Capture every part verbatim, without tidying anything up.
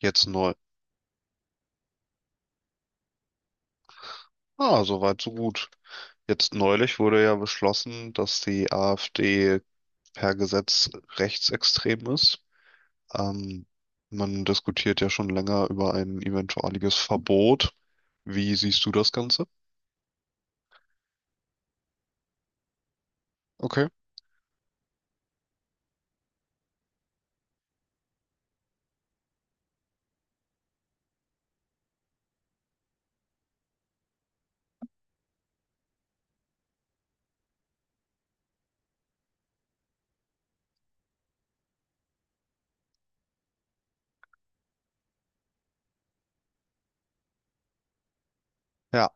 Jetzt neu. Ah, soweit, so gut. Jetzt neulich wurde ja beschlossen, dass die A f D per Gesetz rechtsextrem ist. Ähm, Man diskutiert ja schon länger über ein eventuelles Verbot. Wie siehst du das Ganze? Okay. Ja,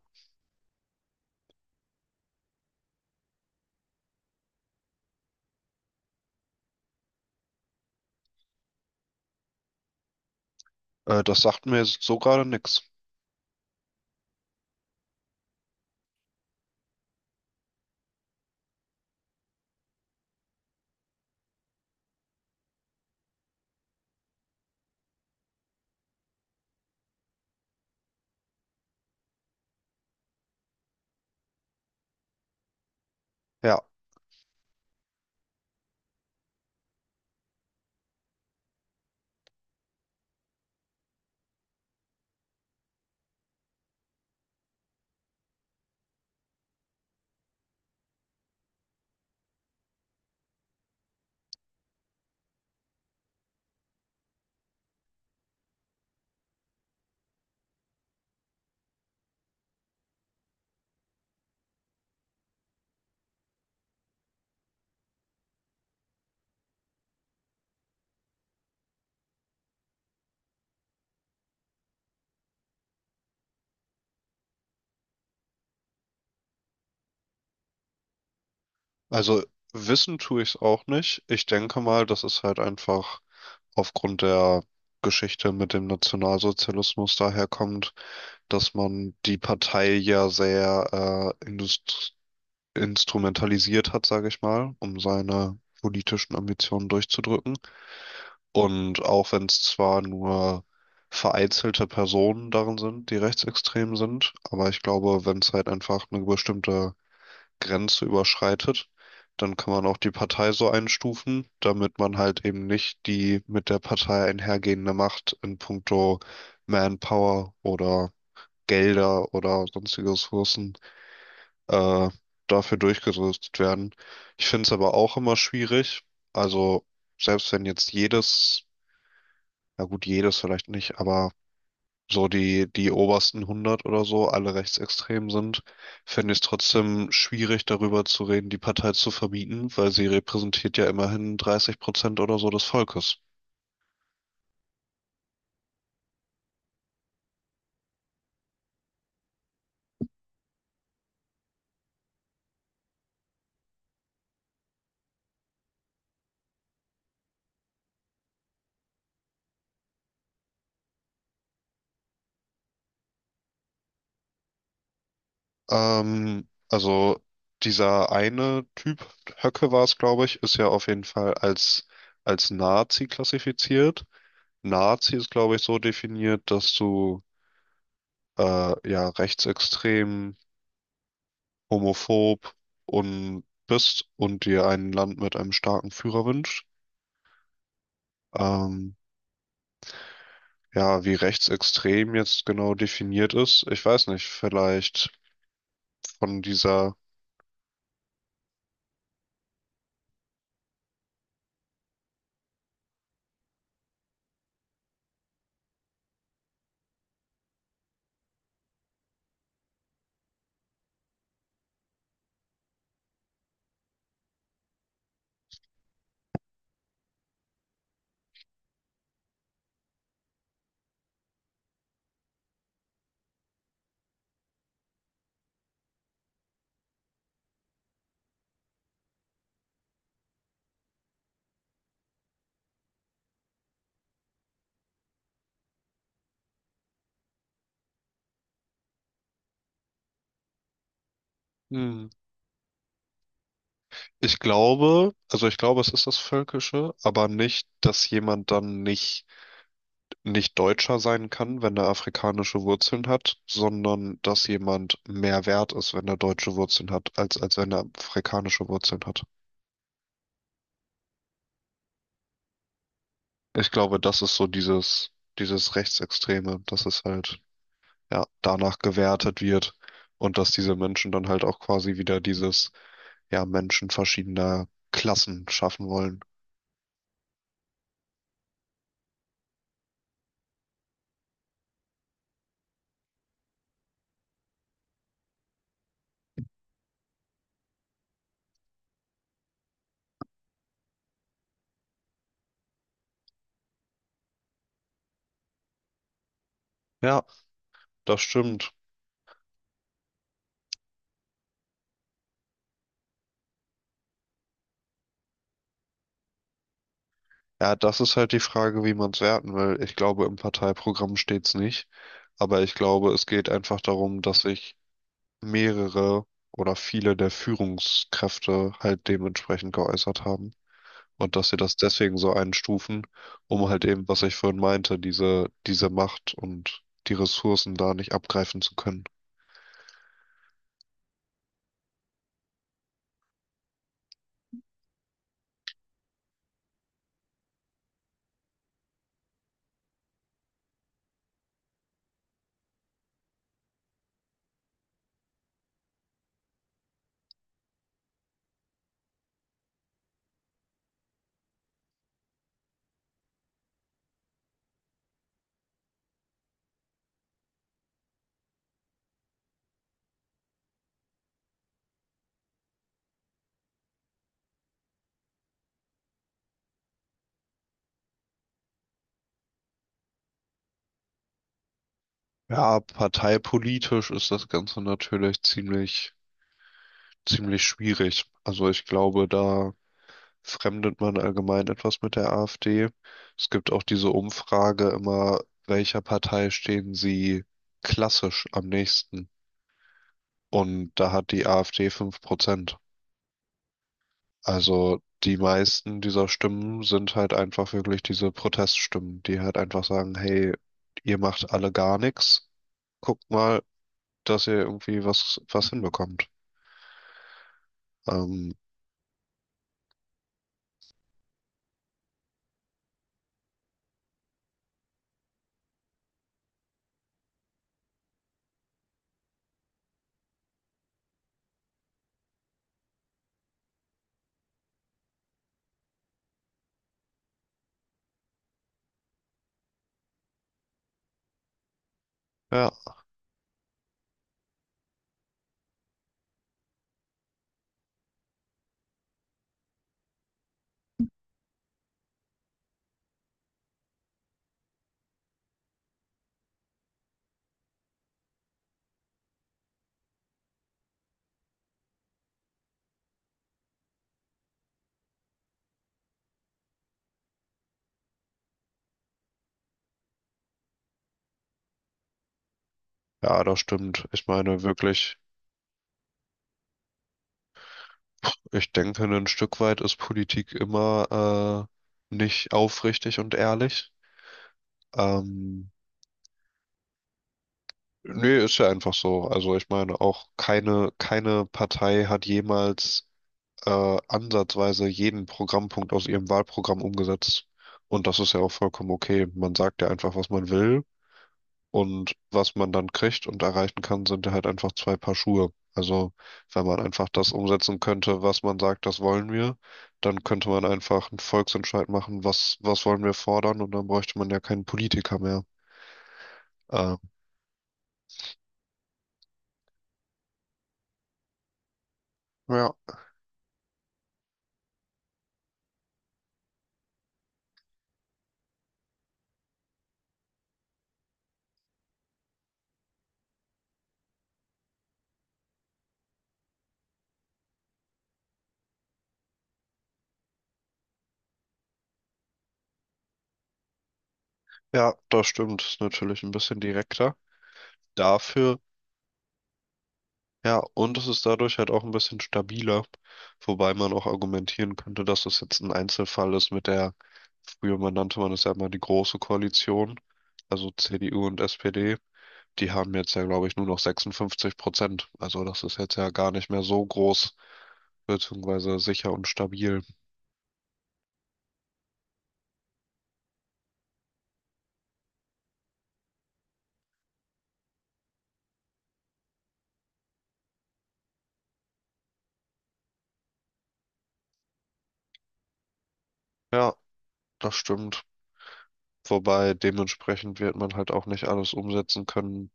äh, das sagt mir jetzt so gerade nichts. Ja. Also wissen tue ich es auch nicht. Ich denke mal, das ist halt einfach aufgrund der Geschichte mit dem Nationalsozialismus daherkommt, dass man die Partei ja sehr äh, indust- instrumentalisiert hat, sage ich mal, um seine politischen Ambitionen durchzudrücken. Und auch wenn es zwar nur vereinzelte Personen darin sind, die rechtsextrem sind, aber ich glaube, wenn es halt einfach eine bestimmte Grenze überschreitet, dann kann man auch die Partei so einstufen, damit man halt eben nicht die mit der Partei einhergehende Macht in puncto Manpower oder Gelder oder sonstige Ressourcen äh, dafür durchgerüstet werden. Ich finde es aber auch immer schwierig. Also selbst wenn jetzt jedes, na gut, jedes vielleicht nicht, aber so die, die obersten hundert oder so alle rechtsextrem sind, finde ich es trotzdem schwierig, darüber zu reden, die Partei zu verbieten, weil sie repräsentiert ja immerhin dreißig Prozent oder so des Volkes. Ähm, also dieser eine Typ, Höcke war es, glaube ich, ist ja auf jeden Fall als, als Nazi klassifiziert. Nazi ist, glaube ich, so definiert, dass du äh, ja rechtsextrem homophob und bist und dir ein Land mit einem starken Führer wünscht. Ähm, ja, wie rechtsextrem jetzt genau definiert ist, ich weiß nicht, vielleicht von dieser, hm. ich glaube, also ich glaube, es ist das Völkische, aber nicht, dass jemand dann nicht, nicht Deutscher sein kann, wenn er afrikanische Wurzeln hat, sondern dass jemand mehr wert ist, wenn er deutsche Wurzeln hat, als, als wenn er afrikanische Wurzeln hat. Ich glaube, das ist so dieses, dieses Rechtsextreme, dass es halt, ja, danach gewertet wird und dass diese Menschen dann halt auch quasi wieder dieses, ja, Menschen verschiedener Klassen schaffen wollen. Ja, das stimmt. Ja, das ist halt die Frage, wie man es werten will. Ich glaube, im Parteiprogramm steht es nicht. Aber ich glaube, es geht einfach darum, dass sich mehrere oder viele der Führungskräfte halt dementsprechend geäußert haben. Und dass sie das deswegen so einstufen, um halt eben, was ich vorhin meinte, diese, diese Macht und die Ressourcen da nicht abgreifen zu können. Ja, parteipolitisch ist das Ganze natürlich ziemlich, ziemlich schwierig. Also ich glaube, da fremdet man allgemein etwas mit der A f D. Es gibt auch diese Umfrage immer, welcher Partei stehen sie klassisch am nächsten? Und da hat die A f D fünf Prozent. Also die meisten dieser Stimmen sind halt einfach wirklich diese Proteststimmen, die halt einfach sagen, hey, ihr macht alle gar nichts, guckt mal, dass ihr irgendwie was, was hinbekommt. Ähm, ja, ja, das stimmt. Ich meine wirklich, ich denke, ein Stück weit ist Politik immer äh, nicht aufrichtig und ehrlich. Ähm, Nee, ist ja einfach so. Also ich meine auch keine, keine Partei hat jemals äh, ansatzweise jeden Programmpunkt aus ihrem Wahlprogramm umgesetzt. Und das ist ja auch vollkommen okay. Man sagt ja einfach, was man will. Und was man dann kriegt und erreichen kann, sind ja halt einfach zwei Paar Schuhe. Also wenn man einfach das umsetzen könnte, was man sagt, das wollen wir, dann könnte man einfach einen Volksentscheid machen, was, was wollen wir fordern, und dann bräuchte man ja keinen Politiker mehr. Äh, ja, ja, das stimmt. Ist natürlich ein bisschen direkter. Dafür ja, und es ist dadurch halt auch ein bisschen stabiler, wobei man auch argumentieren könnte, dass es jetzt ein Einzelfall ist mit der, früher man nannte man es ja immer die Große Koalition, also C D U und S P D, die haben jetzt ja, glaube ich, nur noch sechsundfünfzig Prozent. Also das ist jetzt ja gar nicht mehr so groß, beziehungsweise sicher und stabil. Ja, das stimmt. Wobei dementsprechend wird man halt auch nicht alles umsetzen können,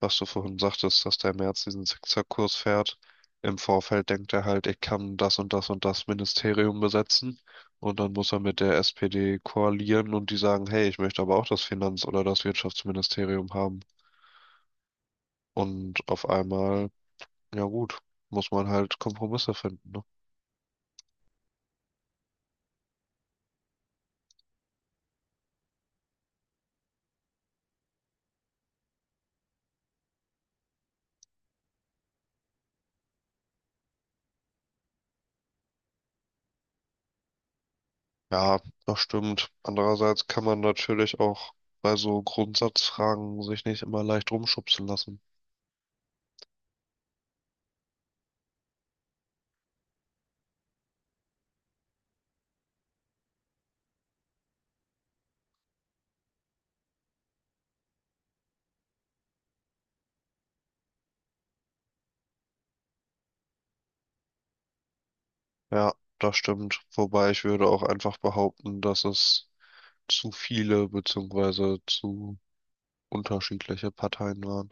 was du vorhin sagtest, dass der Merz diesen Zickzackkurs fährt. Im Vorfeld denkt er halt, ich kann das und das und das Ministerium besetzen. Und dann muss er mit der S P D koalieren und die sagen, hey, ich möchte aber auch das Finanz- oder das Wirtschaftsministerium haben. Und auf einmal, ja gut, muss man halt Kompromisse finden, ne? Ja, das stimmt. Andererseits kann man natürlich auch bei so Grundsatzfragen sich nicht immer leicht rumschubsen lassen. Ja, das stimmt. Wobei ich würde auch einfach behaupten, dass es zu viele beziehungsweise zu unterschiedliche Parteien waren.